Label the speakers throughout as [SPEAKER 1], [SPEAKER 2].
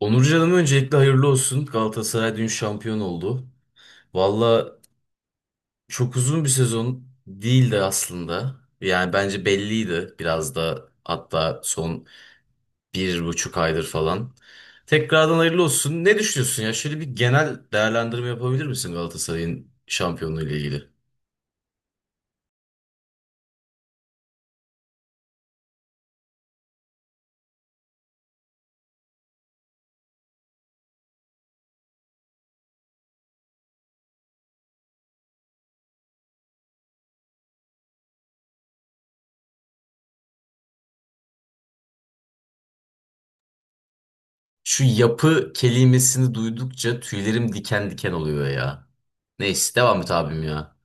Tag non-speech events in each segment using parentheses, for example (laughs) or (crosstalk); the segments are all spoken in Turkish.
[SPEAKER 1] Onurcan'ım öncelikle hayırlı olsun. Galatasaray dün şampiyon oldu. Valla çok uzun bir sezon değildi aslında. Yani bence belliydi biraz da hatta son bir buçuk aydır falan. Tekrardan hayırlı olsun. Ne düşünüyorsun ya? Şöyle bir genel değerlendirme yapabilir misin Galatasaray'ın şampiyonluğu ile ilgili? Şu yapı kelimesini duydukça tüylerim diken diken oluyor ya. Neyse devam et abim ya.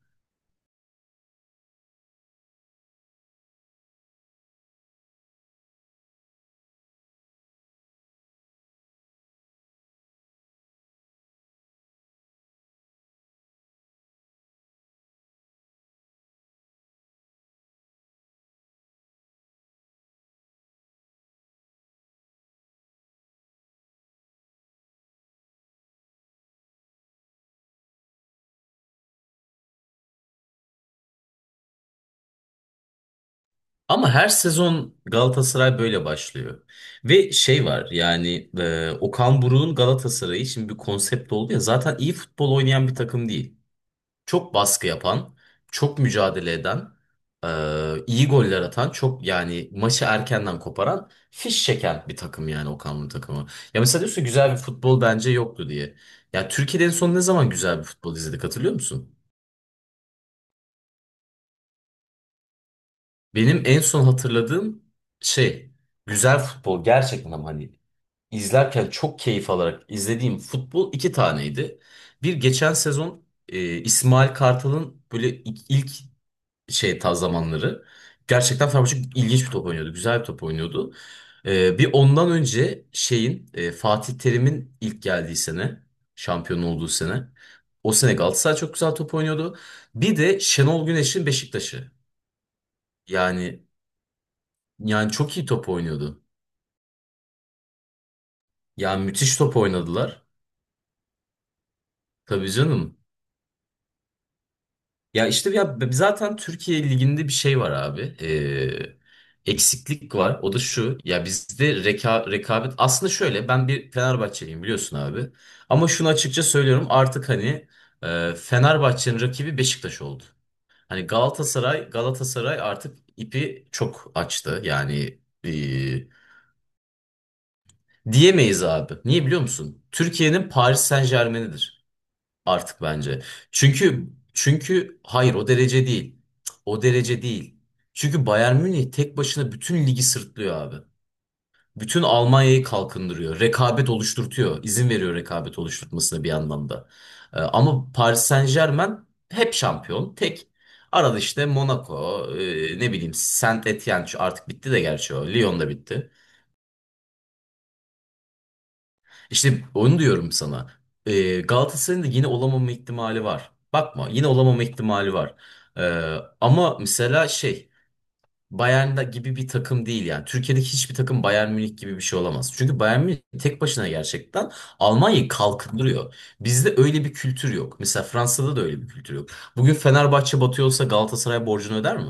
[SPEAKER 1] Ama her sezon Galatasaray böyle başlıyor. Ve şey var yani Okan Buruk'un Galatasaray için bir konsept oldu ya zaten iyi futbol oynayan bir takım değil. Çok baskı yapan, çok mücadele eden, iyi goller atan, çok yani maçı erkenden koparan, fiş çeken bir takım yani Okan Buruk takımı. Ya mesela diyorsun güzel bir futbol bence yoktu diye. Ya Türkiye'de en son ne zaman güzel bir futbol izledik hatırlıyor musun? Benim en son hatırladığım şey güzel futbol gerçekten ama hani izlerken çok keyif alarak izlediğim futbol iki taneydi. Bir geçen sezon İsmail Kartal'ın böyle ilk şey ta zamanları. Gerçekten Fenerbahçe ilginç bir top oynuyordu. Güzel bir top oynuyordu. Bir ondan önce şeyin Fatih Terim'in ilk geldiği sene. Şampiyon olduğu sene. O sene Galatasaray çok güzel top oynuyordu. Bir de Şenol Güneş'in Beşiktaş'ı. Yani yani çok iyi top oynuyordu. Yani müthiş top oynadılar. Tabii canım. Ya işte ya zaten Türkiye Ligi'nde bir şey var abi. Eksiklik var. O da şu. Ya bizde rekabet aslında şöyle. Ben bir Fenerbahçeliyim biliyorsun abi. Ama şunu açıkça söylüyorum. Artık hani Fenerbahçe'nin rakibi Beşiktaş oldu. Hani Galatasaray artık ipi çok açtı. Yani diyemeyiz abi. Niye biliyor musun? Türkiye'nin Paris Saint-Germain'idir artık bence. Çünkü çünkü hayır o derece değil. O derece değil. Çünkü Bayern Münih tek başına bütün ligi sırtlıyor abi. Bütün Almanya'yı kalkındırıyor. Rekabet oluşturtuyor. İzin veriyor rekabet oluşturmasına bir anlamda. Ama Paris Saint-Germain hep şampiyon. Tek. Arada işte Monaco, ne bileyim Saint-Étienne şu artık bitti de gerçi o. Lyon da bitti. İşte onu diyorum sana. Galatasaray'ın da yine olamama ihtimali var. Bakma yine olamama ihtimali var. Ama mesela şey Bayern'da gibi bir takım değil yani. Türkiye'deki hiçbir takım Bayern Münih gibi bir şey olamaz. Çünkü Bayern Münih tek başına gerçekten Almanya'yı kalkındırıyor. Bizde öyle bir kültür yok. Mesela Fransa'da da öyle bir kültür yok. Bugün Fenerbahçe batıyorsa Galatasaray borcunu öder mi?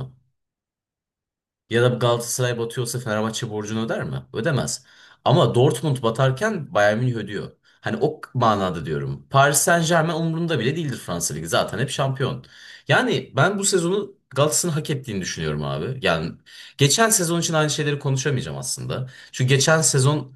[SPEAKER 1] Ya da Galatasaray batıyorsa Fenerbahçe borcunu öder mi? Ödemez. Ama Dortmund batarken Bayern Münih ödüyor. Hani o manada diyorum. Paris Saint-Germain umurunda bile değildir Fransa Ligi. Zaten hep şampiyon. Yani ben bu sezonu Galatasaray'ın hak ettiğini düşünüyorum abi. Yani geçen sezon için aynı şeyleri konuşamayacağım aslında. Çünkü geçen sezon.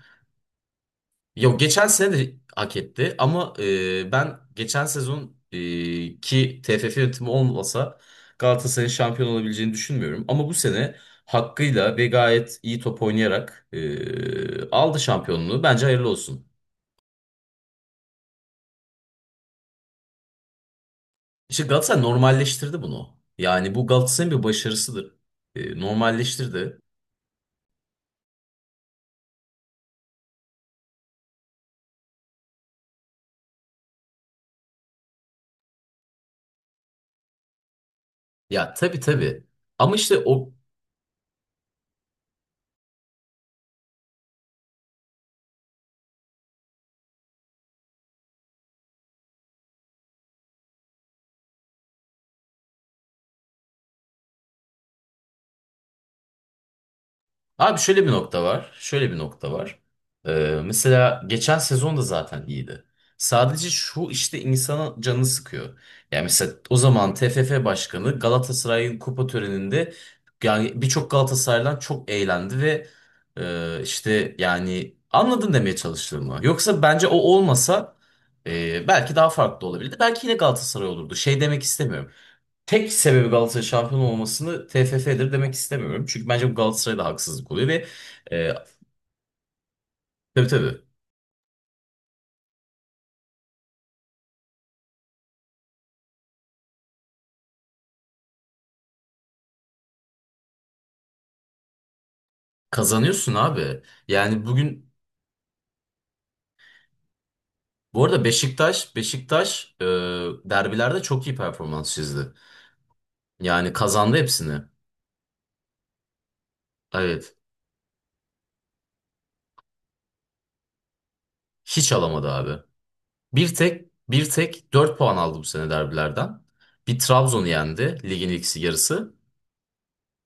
[SPEAKER 1] Yok geçen sene de hak etti ama ben geçen sezon ki TFF yönetimi olmasa Galatasaray'ın şampiyon olabileceğini düşünmüyorum. Ama bu sene hakkıyla ve gayet iyi top oynayarak aldı şampiyonluğu. Bence hayırlı olsun. İşte Galatasaray normalleştirdi bunu. Yani bu Galatasaray'ın bir başarısıdır. Normalleştirdi. Ya tabii tabii. Ama işte o. Abi şöyle bir nokta var. Şöyle bir nokta var. Mesela geçen sezon da zaten iyiydi. Sadece şu işte insanın canını sıkıyor. Yani mesela o zaman TFF Başkanı Galatasaray'ın kupa töreninde yani birçok Galatasaraylı'dan çok eğlendi ve işte yani anladın demeye çalıştığımı. Yoksa bence o olmasa belki daha farklı olabilirdi. Belki yine Galatasaray olurdu. Şey demek istemiyorum tek sebebi Galatasaray şampiyon olmasını TFF'dir demek istemiyorum. Çünkü bence bu Galatasaray'da haksızlık oluyor ve e, tabii tabii kazanıyorsun abi. Yani bugün bu arada Beşiktaş derbilerde çok iyi performans çizdi. Yani kazandı hepsini. Evet. Hiç alamadı abi. Bir tek 4 puan aldı bu sene derbilerden. Bir Trabzon'u yendi ligin ilk yarısı.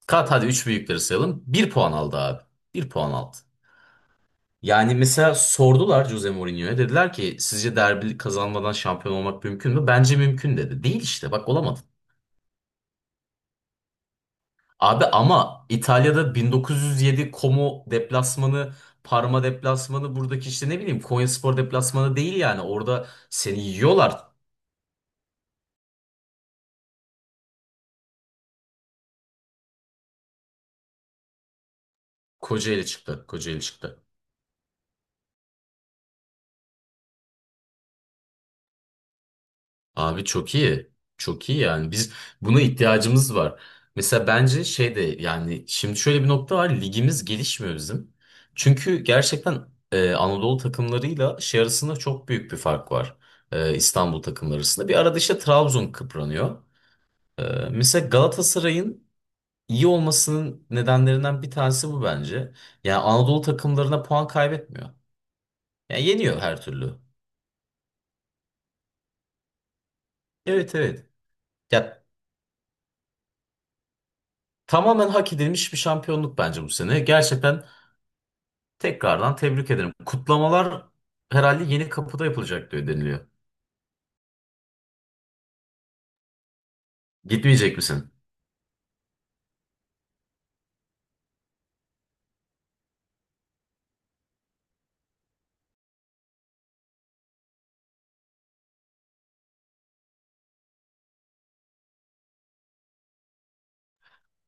[SPEAKER 1] Kat hadi 3 büyükleri sayalım. Bir puan aldı abi. Bir puan aldı. Yani mesela sordular Jose Mourinho'ya. Dediler ki sizce derbi kazanmadan şampiyon olmak mümkün mü? Bence mümkün dedi. Değil işte bak olamadın. Abi ama İtalya'da 1907 Como deplasmanı, Parma deplasmanı buradaki işte ne bileyim Konyaspor deplasmanı değil yani. Orada seni yiyorlar. Kocaeli çıktı. Kocaeli çıktı. Abi çok iyi. Çok iyi yani. Biz buna ihtiyacımız var. Mesela bence şey de yani şimdi şöyle bir nokta var. Ligimiz gelişmiyor bizim. Çünkü gerçekten Anadolu takımlarıyla şey arasında çok büyük bir fark var. İstanbul takımları arasında. Bir arada işte Trabzon kıpranıyor. E, Mesela Galatasaray'ın iyi olmasının nedenlerinden bir tanesi bu bence. Yani Anadolu takımlarına puan kaybetmiyor. Yani yeniyor her türlü. Evet, evet. Ya tamamen hak edilmiş bir şampiyonluk bence bu sene. Gerçekten tekrardan tebrik ederim. Kutlamalar herhalde yeni kapıda yapılacak diyor deniliyor. Gitmeyecek misin?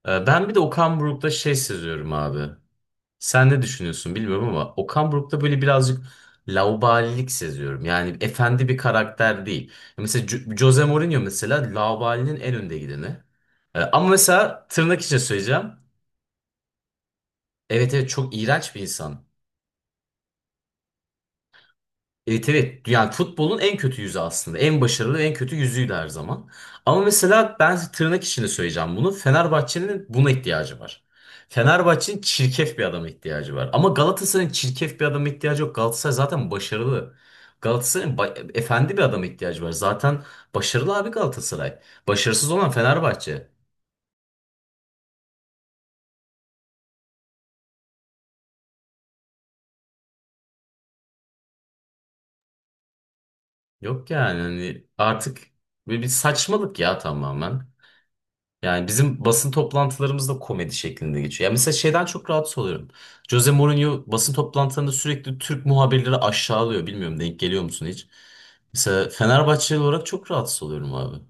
[SPEAKER 1] Ben bir de Okan Buruk'ta şey seziyorum abi. Sen ne düşünüyorsun bilmiyorum ama Okan Buruk'ta böyle birazcık laubalilik seziyorum. Yani efendi bir karakter değil. Mesela Jose Mourinho mesela laubalinin en önde gideni. Ama mesela tırnak içine söyleyeceğim. Evet, evet, çok iğrenç bir insan. Evet, evet, yani futbolun en kötü yüzü aslında. En başarılı en kötü yüzüydü her zaman. Ama mesela ben tırnak içinde söyleyeceğim bunu. Fenerbahçe'nin buna ihtiyacı var. Fenerbahçe'nin çirkef bir adama ihtiyacı var. Ama Galatasaray'ın çirkef bir adama ihtiyacı yok. Galatasaray zaten başarılı. Galatasaray'ın efendi bir adama ihtiyacı var. Zaten başarılı abi Galatasaray. Başarısız olan Fenerbahçe. Yok yani hani artık bir saçmalık ya tamamen. Yani bizim basın toplantılarımız da komedi şeklinde geçiyor. Ya mesela şeyden çok rahatsız oluyorum. Jose Mourinho basın toplantılarında sürekli Türk muhabirleri aşağılıyor. Bilmiyorum denk geliyor musun hiç? Mesela Fenerbahçeli olarak çok rahatsız oluyorum abi.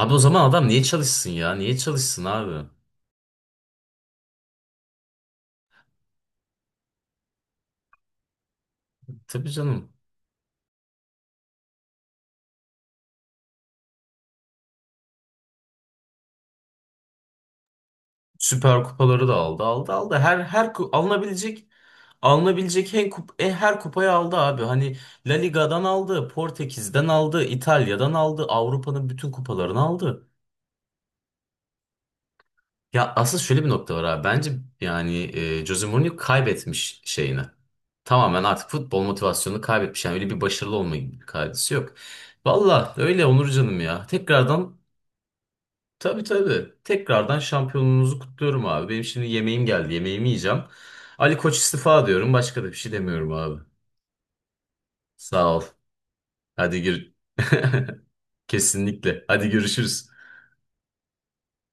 [SPEAKER 1] Abi o zaman adam niye çalışsın ya? Niye çalışsın abi? Tabii canım. Süper kupaları da aldı, aldı, aldı. Her alınabilecek en her kupayı aldı abi. Hani La Liga'dan aldı, Portekiz'den aldı, İtalya'dan aldı, Avrupa'nın bütün kupalarını aldı. Ya asıl şöyle bir nokta var abi. Bence yani Jose Mourinho kaybetmiş şeyini. Tamamen artık futbol motivasyonunu kaybetmiş. Yani öyle bir başarılı olma gibi bir kaidesi yok. Valla öyle Onur canım ya. Tekrardan tabii tabii. Tekrardan şampiyonluğunuzu kutluyorum abi. Benim şimdi yemeğim geldi. Yemeğimi yiyeceğim. Ali Koç istifa diyorum. Başka da bir şey demiyorum abi. Sağ ol. Hadi gir. (laughs) Kesinlikle. Hadi görüşürüz.